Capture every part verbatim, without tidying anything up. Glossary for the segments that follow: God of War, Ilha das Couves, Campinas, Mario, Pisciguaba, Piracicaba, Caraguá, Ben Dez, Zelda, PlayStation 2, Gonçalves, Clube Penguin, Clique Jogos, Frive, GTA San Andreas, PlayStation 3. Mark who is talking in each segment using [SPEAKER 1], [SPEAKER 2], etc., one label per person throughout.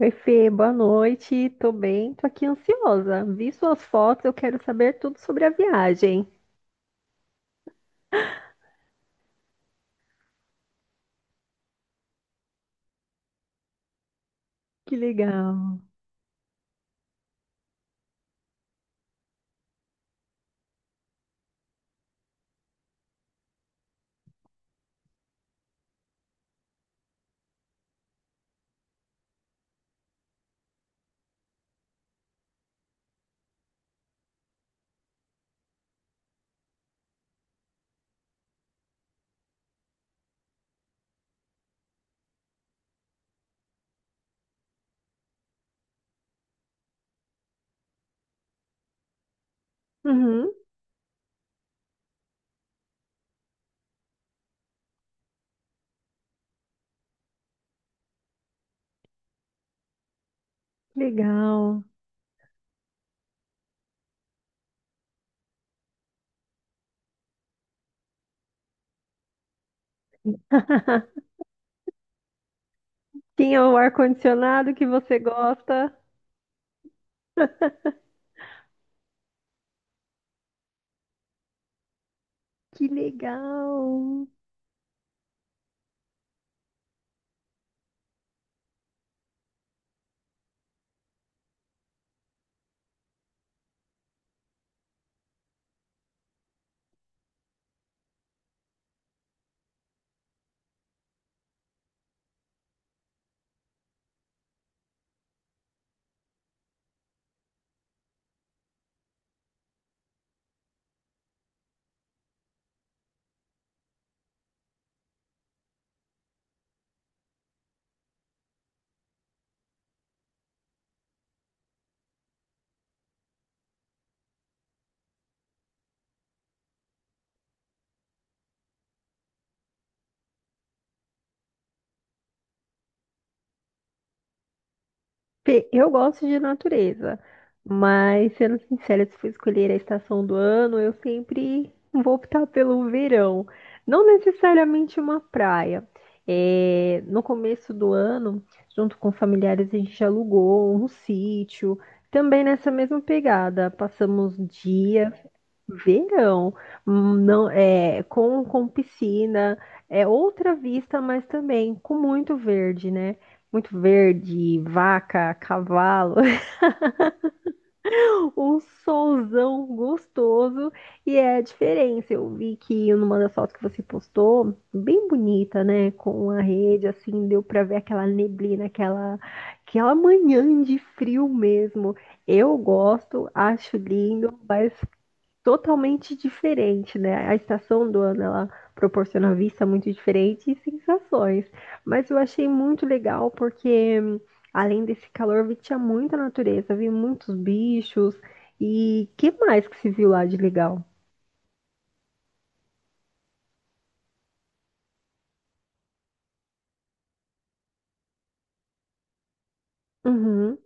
[SPEAKER 1] Oi, Fê, boa noite. Tô bem, tô aqui ansiosa. Vi suas fotos, eu quero saber tudo sobre a viagem. Que legal. Uhum, legal. Tinha o ar-condicionado que você gosta. Que legal. Pe- Eu gosto de natureza, mas sendo sincera, se for escolher a estação do ano, eu sempre vou optar pelo verão. Não necessariamente uma praia. É, no começo do ano, junto com familiares, a gente alugou um sítio, também nessa mesma pegada. Passamos dias. Verão, hum, não é com, com piscina, é outra vista, mas também com muito verde, né? Muito verde, vaca, cavalo, um solzão gostoso e é a diferença. Eu vi que numa das fotos que você postou, bem bonita, né? Com a rede, assim, deu pra ver aquela neblina, aquela, aquela manhã de frio mesmo. Eu gosto, acho lindo, mas totalmente diferente, né? A estação do ano ela proporciona vista muito diferente e sensações. Mas eu achei muito legal porque além desse calor, vi tinha muita natureza, vi muitos bichos e que mais que se viu lá de legal? Uhum.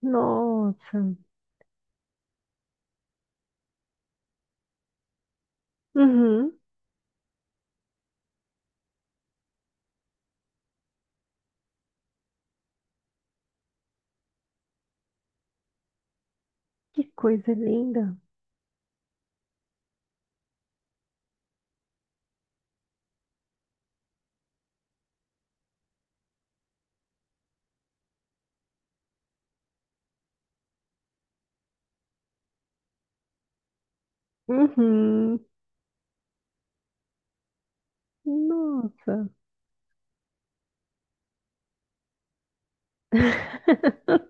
[SPEAKER 1] Nossa. Uhum. Que coisa linda. Uhum. Nossa.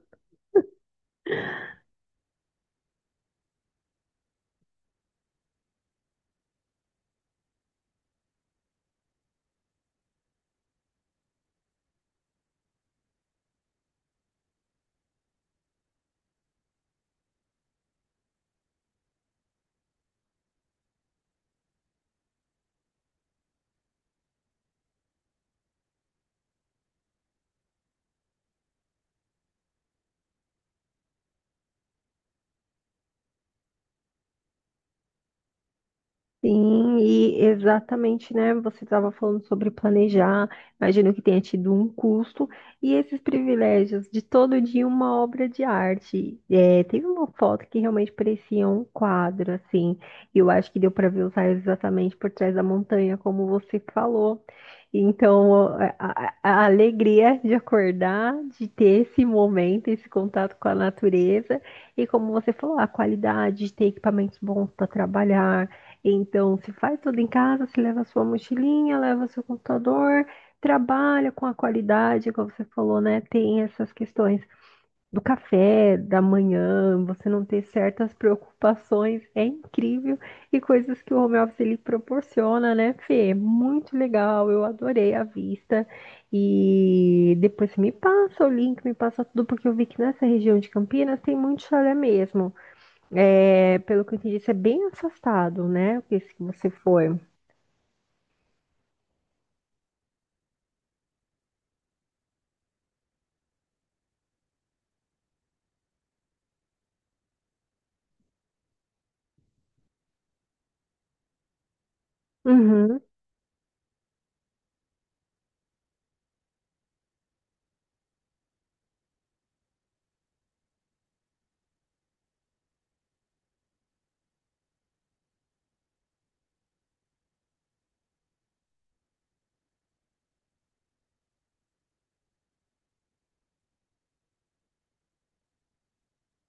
[SPEAKER 1] Sim, e exatamente, né? Você estava falando sobre planejar, imagino que tenha tido um custo, e esses privilégios de todo dia uma obra de arte. É, teve uma foto que realmente parecia um quadro, assim, e eu acho que deu para ver os raios exatamente por trás da montanha, como você falou. Então, é, a, a- a alegria de acordar, de ter esse momento, esse contato com a natureza, e como você falou, a qualidade de ter equipamentos bons para trabalhar, então, se faz tudo em casa, se leva sua mochilinha, leva seu computador, trabalha com a qualidade, como você falou, né? Tem essas questões do café, da manhã, você não ter certas preocupações, é incrível. E coisas que o home office ele proporciona, né, Fê? É muito legal, eu adorei a vista. E depois você me passa o link, me passa tudo, porque eu vi que nessa região de Campinas tem muito chalé mesmo. É, pelo que eu entendi, isso é bem afastado, né? O que se você foi. Uhum,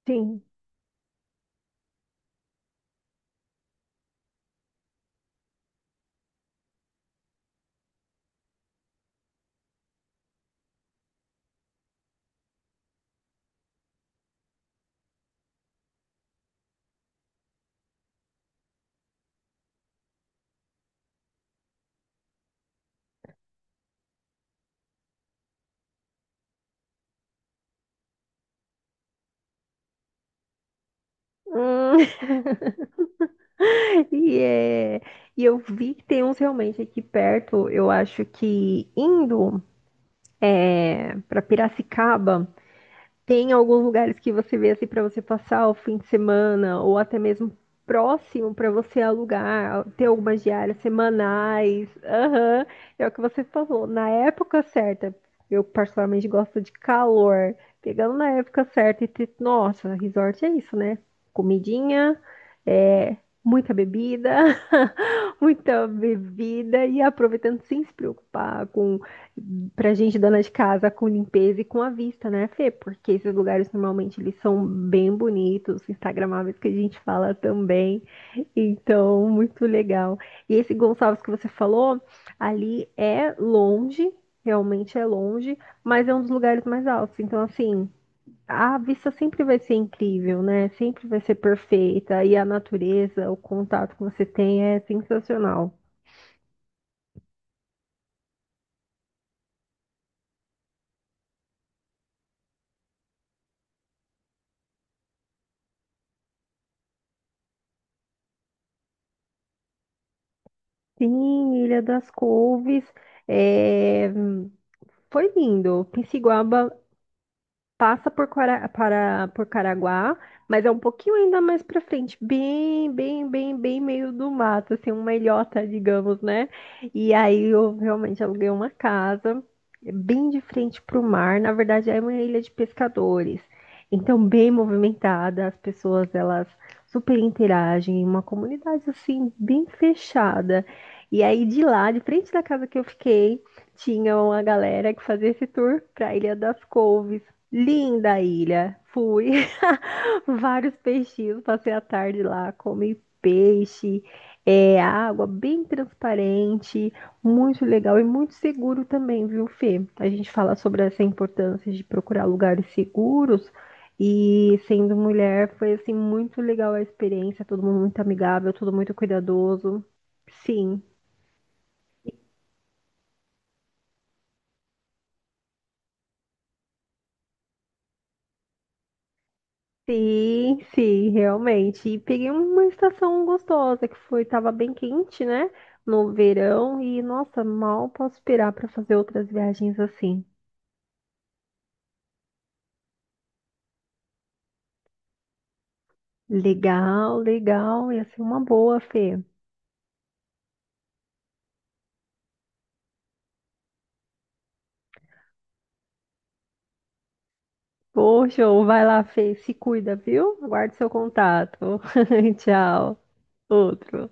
[SPEAKER 1] sim. Hum. E, é, e eu vi que tem uns realmente aqui perto. Eu acho que indo para Piracicaba. Tem alguns lugares que você vê assim para você passar o fim de semana ou até mesmo próximo para você alugar, ter algumas diárias semanais. Aham, é o que você falou, na época certa. Eu particularmente gosto de calor. Pegando na época certa e ter, nossa, resort é isso, né? Comidinha, é, muita bebida, muita bebida e aproveitando sem se preocupar com pra gente dona de casa, com limpeza e com a vista, né, Fê? Porque esses lugares normalmente eles são bem bonitos, instagramáveis que a gente fala também. Então, muito legal. E esse Gonçalves que você falou, ali é longe, realmente é longe, mas é um dos lugares mais altos. Então, assim, a vista sempre vai ser incrível, né? Sempre vai ser perfeita e a natureza, o contato que você tem é sensacional. Sim, Ilha das Couves, é, foi lindo. Pisciguaba passa por, Quara- para, por Caraguá, mas é um pouquinho ainda mais para frente, bem, bem, bem, bem meio do mato, assim, uma ilhota, digamos, né? E aí eu realmente aluguei uma casa eh, bem de frente para o mar, na verdade é uma ilha de pescadores, então bem movimentada, as pessoas elas super interagem, uma comunidade assim bem fechada. E aí de lá, de frente da casa que eu fiquei, tinha uma galera que fazia esse tour para a Ilha das Couves. Linda a ilha. Fui. Vários peixinhos. Passei a tarde lá, comi peixe. É, água bem transparente, muito legal e muito seguro também, viu, Fê? A gente fala sobre essa importância de procurar lugares seguros e sendo mulher foi assim muito legal a experiência, todo mundo muito amigável, todo muito cuidadoso. Sim. Sim, sim, realmente. E peguei uma estação gostosa que foi, tava bem quente, né? No verão e nossa, mal posso esperar para fazer outras viagens assim. Legal, legal, ia ser uma boa, Fê. Poxa, vai lá, Fê, se cuida, viu? Aguardo seu contato. Tchau. Outro.